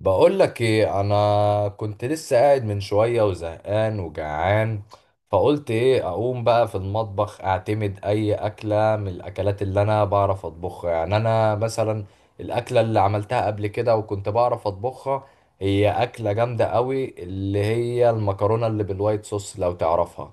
بقول لك ايه، انا كنت لسه قاعد من شويه وزهقان وجعان. فقلت ايه، اقوم بقى في المطبخ اعتمد اي اكله من الاكلات اللي انا بعرف اطبخها. يعني انا مثلا الاكله اللي عملتها قبل كده وكنت بعرف اطبخها هي اكله جامده قوي، اللي هي المكرونه اللي بالوايت صوص لو تعرفها.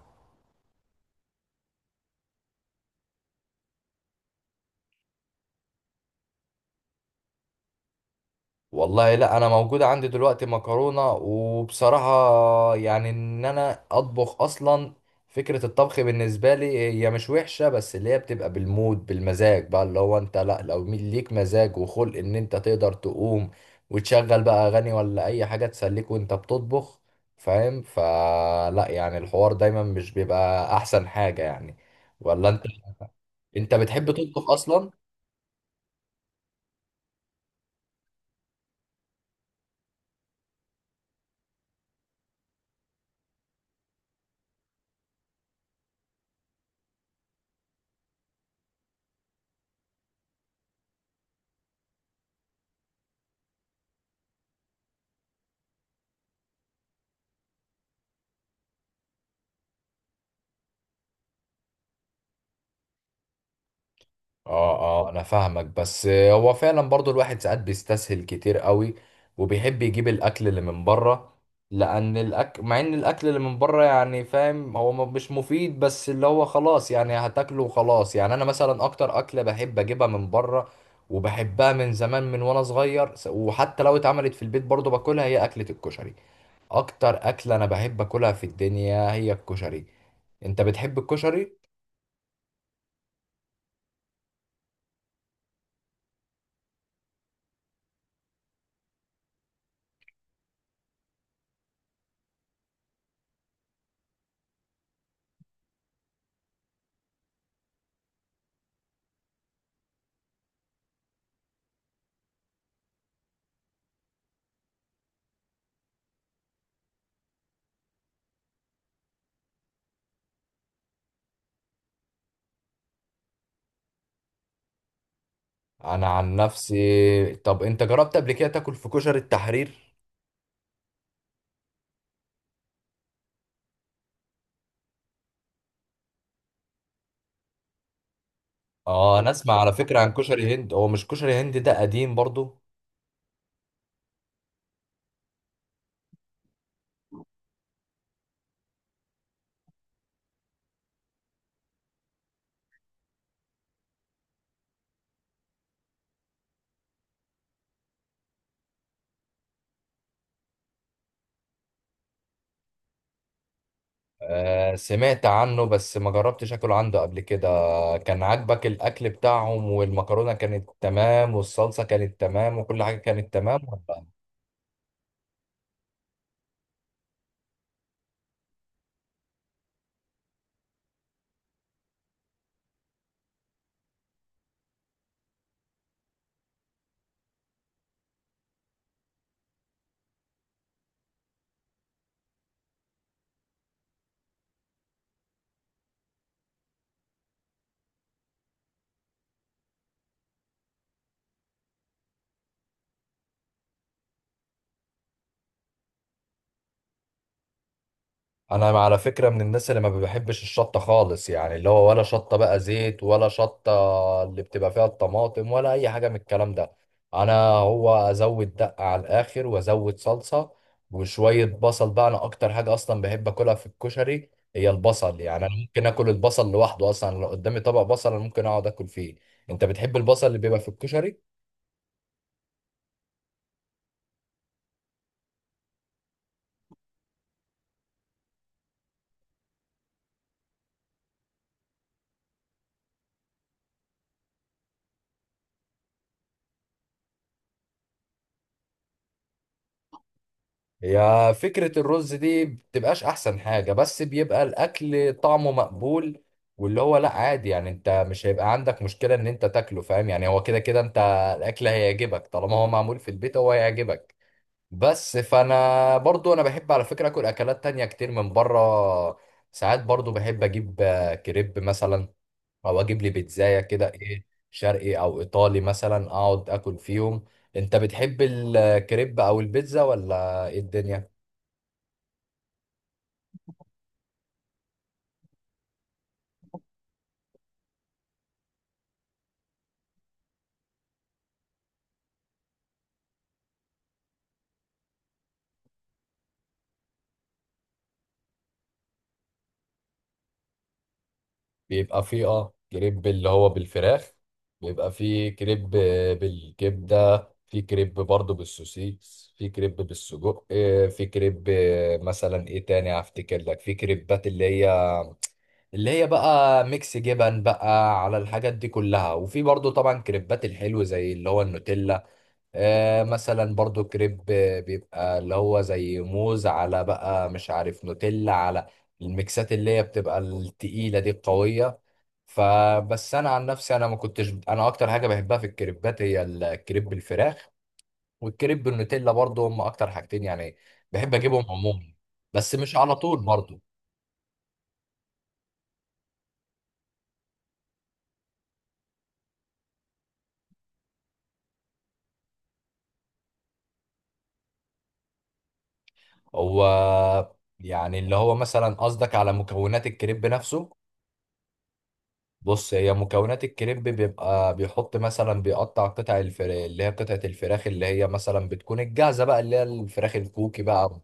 والله لا، انا موجود عندي دلوقتي مكرونه. وبصراحه يعني ان انا اطبخ اصلا، فكره الطبخ بالنسبه لي هي مش وحشه، بس اللي هي بتبقى بالمود بالمزاج بقى. اللي هو انت لا، لو ليك مزاج وخلق ان انت تقدر تقوم وتشغل بقى اغاني ولا اي حاجه تسليك وانت بتطبخ. فاهم؟ فلا يعني الحوار دايما مش بيبقى احسن حاجه يعني. ولا انت، انت بتحب تطبخ اصلا؟ اه، اه، انا فاهمك. بس هو فعلا برضو الواحد ساعات بيستسهل كتير قوي، وبيحب يجيب الاكل اللي من بره. لان الاكل، مع ان الاكل اللي من بره يعني فاهم هو مش مفيد، بس اللي هو خلاص يعني هتاكله وخلاص. يعني انا مثلا اكتر اكله بحب اجيبها من بره وبحبها من زمان من وانا صغير، وحتى لو اتعملت في البيت برضو باكلها، هي اكلة الكشري. اكتر اكله انا بحب اكلها في الدنيا هي الكشري. انت بتحب الكشري؟ انا عن نفسي، طب انت جربت قبل كده تاكل في كشري التحرير؟ اه، انا اسمع على فكرة عن كشري هند. هو مش كشري هند ده قديم برضو؟ آه، سمعت عنه بس ما جربتش اكل عنده قبل كده. كان عاجبك الاكل بتاعهم؟ والمكرونة كانت تمام، والصلصة كانت تمام، وكل حاجة كانت تمام؟ انا على فكره من الناس اللي ما بحبش الشطه خالص. يعني اللي هو ولا شطه بقى زيت، ولا شطه اللي بتبقى فيها الطماطم، ولا اي حاجه من الكلام ده. انا هو ازود دقه على الاخر، وازود صلصه وشويه بصل بقى. انا اكتر حاجه اصلا بحب اكلها في الكشري هي البصل. يعني انا ممكن اكل البصل لوحده اصلا. لو قدامي طبق بصل انا ممكن اقعد اكل فيه. انت بتحب البصل اللي بيبقى في الكشري؟ يا فكرة الرز دي بتبقاش أحسن حاجة، بس بيبقى الأكل طعمه مقبول. واللي هو لأ، عادي يعني. أنت مش هيبقى عندك مشكلة إن أنت تاكله. فاهم يعني؟ هو كده كده أنت الأكل هيعجبك. طالما هو معمول في البيت هو هيعجبك. بس فأنا برضو أنا بحب على فكرة أكل أكلات تانية كتير من بره. ساعات برضو بحب أجيب كريب مثلا، أو أجيب لي بيتزاية كده، إيه شرقي أو إيطالي مثلا، أقعد أكل فيهم. أنت بتحب الكريب أو البيتزا ولا إيه الدنيا؟ بيبقى فيه كريب اللي هو بالفراخ. بيبقى فيه كريب بالكبدة، في كريب برضه بالسوسيس، في كريب بالسجق، في كريب، مثلا ايه تاني هفتكر لك، في كريبات اللي هي بقى ميكس جبن بقى على الحاجات دي كلها. وفي برضه طبعا كريبات الحلو زي اللي هو النوتيلا. آه مثلا برضه كريب، بيبقى اللي هو زي موز على بقى مش عارف نوتيلا على الميكسات اللي هي بتبقى التقيلة دي القوية. فبس انا عن نفسي، انا ما كنتش، انا اكتر حاجه بحبها في الكريبات هي الكريب بالفراخ والكريب بالنوتيلا. برضو هم اكتر حاجتين يعني بحب اجيبهم عموما، بس مش على طول برضو. هو يعني اللي هو مثلا قصدك على مكونات الكريب نفسه؟ بص، هي مكونات الكريب بيبقى بيحط مثلا، بيقطع قطع الفراخ اللي هي قطعة الفراخ اللي هي مثلا بتكون الجاهزة بقى، اللي هي الفراخ الكوكي بقى.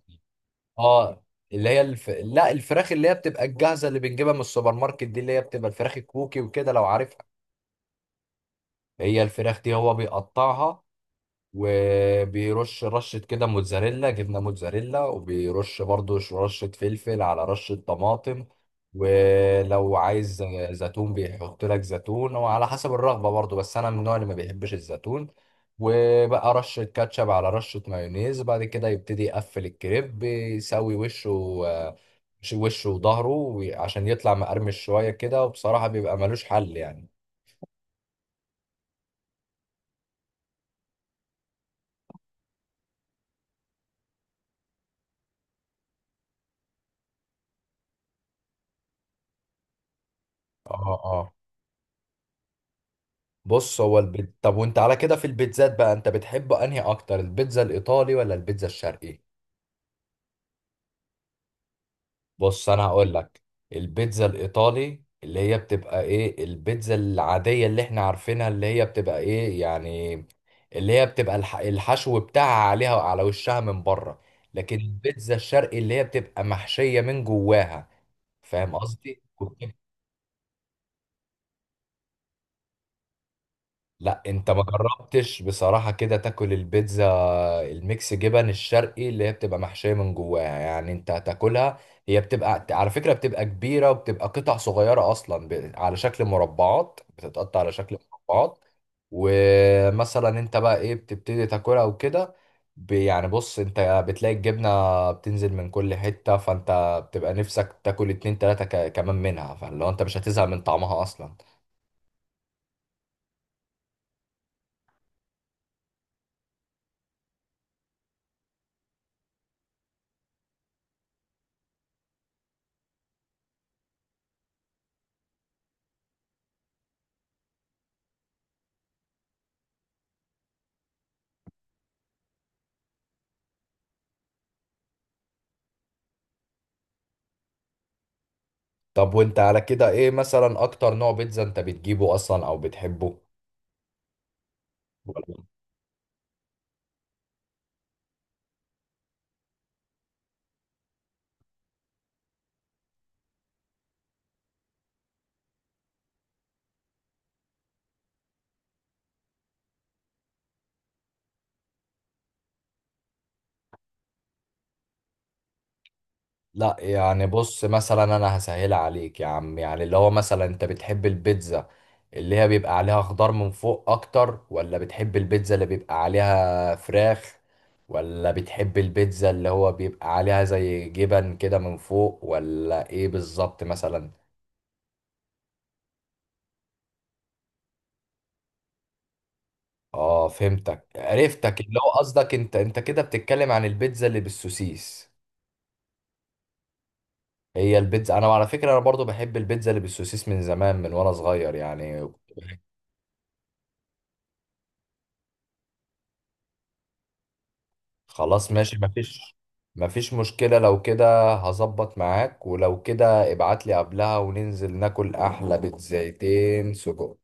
اه، اللي هي لا، الفراخ اللي هي بتبقى الجاهزه اللي بنجيبها من السوبر ماركت دي، اللي هي بتبقى الفراخ الكوكي وكده لو عارفها. هي الفراخ دي هو بيقطعها، وبيرش رشة كده موتزاريلا، جبنة موتزاريلا، وبيرش برضو رشة فلفل على رشة طماطم. ولو عايز زيتون بيحط لك زيتون، وعلى حسب الرغبة برضو، بس أنا من النوع اللي ما بيحبش الزيتون. وبقى رشة كاتشب على رشة مايونيز، بعد كده يبتدي يقفل الكريب، بيسوي وشه وشه وظهره عشان يطلع مقرمش شوية كده، وبصراحة بيبقى ملوش حل يعني. اه، بص هو البيت. طب وانت على كده في البيتزات بقى، انت بتحب انهي اكتر، البيتزا الايطالي ولا البيتزا الشرقي؟ بص انا هقول لك، البيتزا الايطالي اللي هي بتبقى ايه البيتزا العادية اللي احنا عارفينها، اللي هي بتبقى ايه يعني، اللي هي بتبقى الحشو بتاعها عليها على وشها من بره. لكن البيتزا الشرقي اللي هي بتبقى محشية من جواها. فاهم قصدي؟ لا انت ما جربتش بصراحة كده تاكل البيتزا الميكس جبن الشرقي اللي هي بتبقى محشية من جواها يعني. انت هتاكلها، هي بتبقى على فكرة بتبقى كبيرة، وبتبقى قطع صغيرة اصلا، على شكل مربعات، بتتقطع على شكل مربعات. ومثلا انت بقى ايه بتبتدي تاكلها وكده، يعني بص انت بتلاقي الجبنة بتنزل من كل حتة، فانت بتبقى نفسك تاكل اتنين تلاتة كمان منها، فلو انت مش هتزهق من طعمها اصلا. طب وانت على كده ايه مثلا اكتر نوع بيتزا انت بتجيبه اصلا او بتحبه؟ ولا- لا يعني، بص مثلا انا هسهلها عليك يا عم. يعني اللي هو مثلا انت بتحب البيتزا اللي هي بيبقى عليها خضار من فوق اكتر، ولا بتحب البيتزا اللي بيبقى عليها فراخ، ولا بتحب البيتزا اللي هو بيبقى عليها زي جبن كده من فوق، ولا ايه بالظبط مثلا؟ اه، فهمتك، عرفتك، اللي هو قصدك انت كده بتتكلم عن البيتزا اللي بالسوسيس. هي البيتزا، انا على فكره انا برضو بحب البيتزا اللي بالسوسيس من زمان من وانا صغير يعني. خلاص، ماشي، مفيش مشكله لو كده. هظبط معاك، ولو كده ابعت لي قبلها وننزل ناكل احلى بيتزايتين سجق.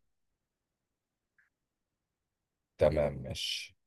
تمام، ماشي.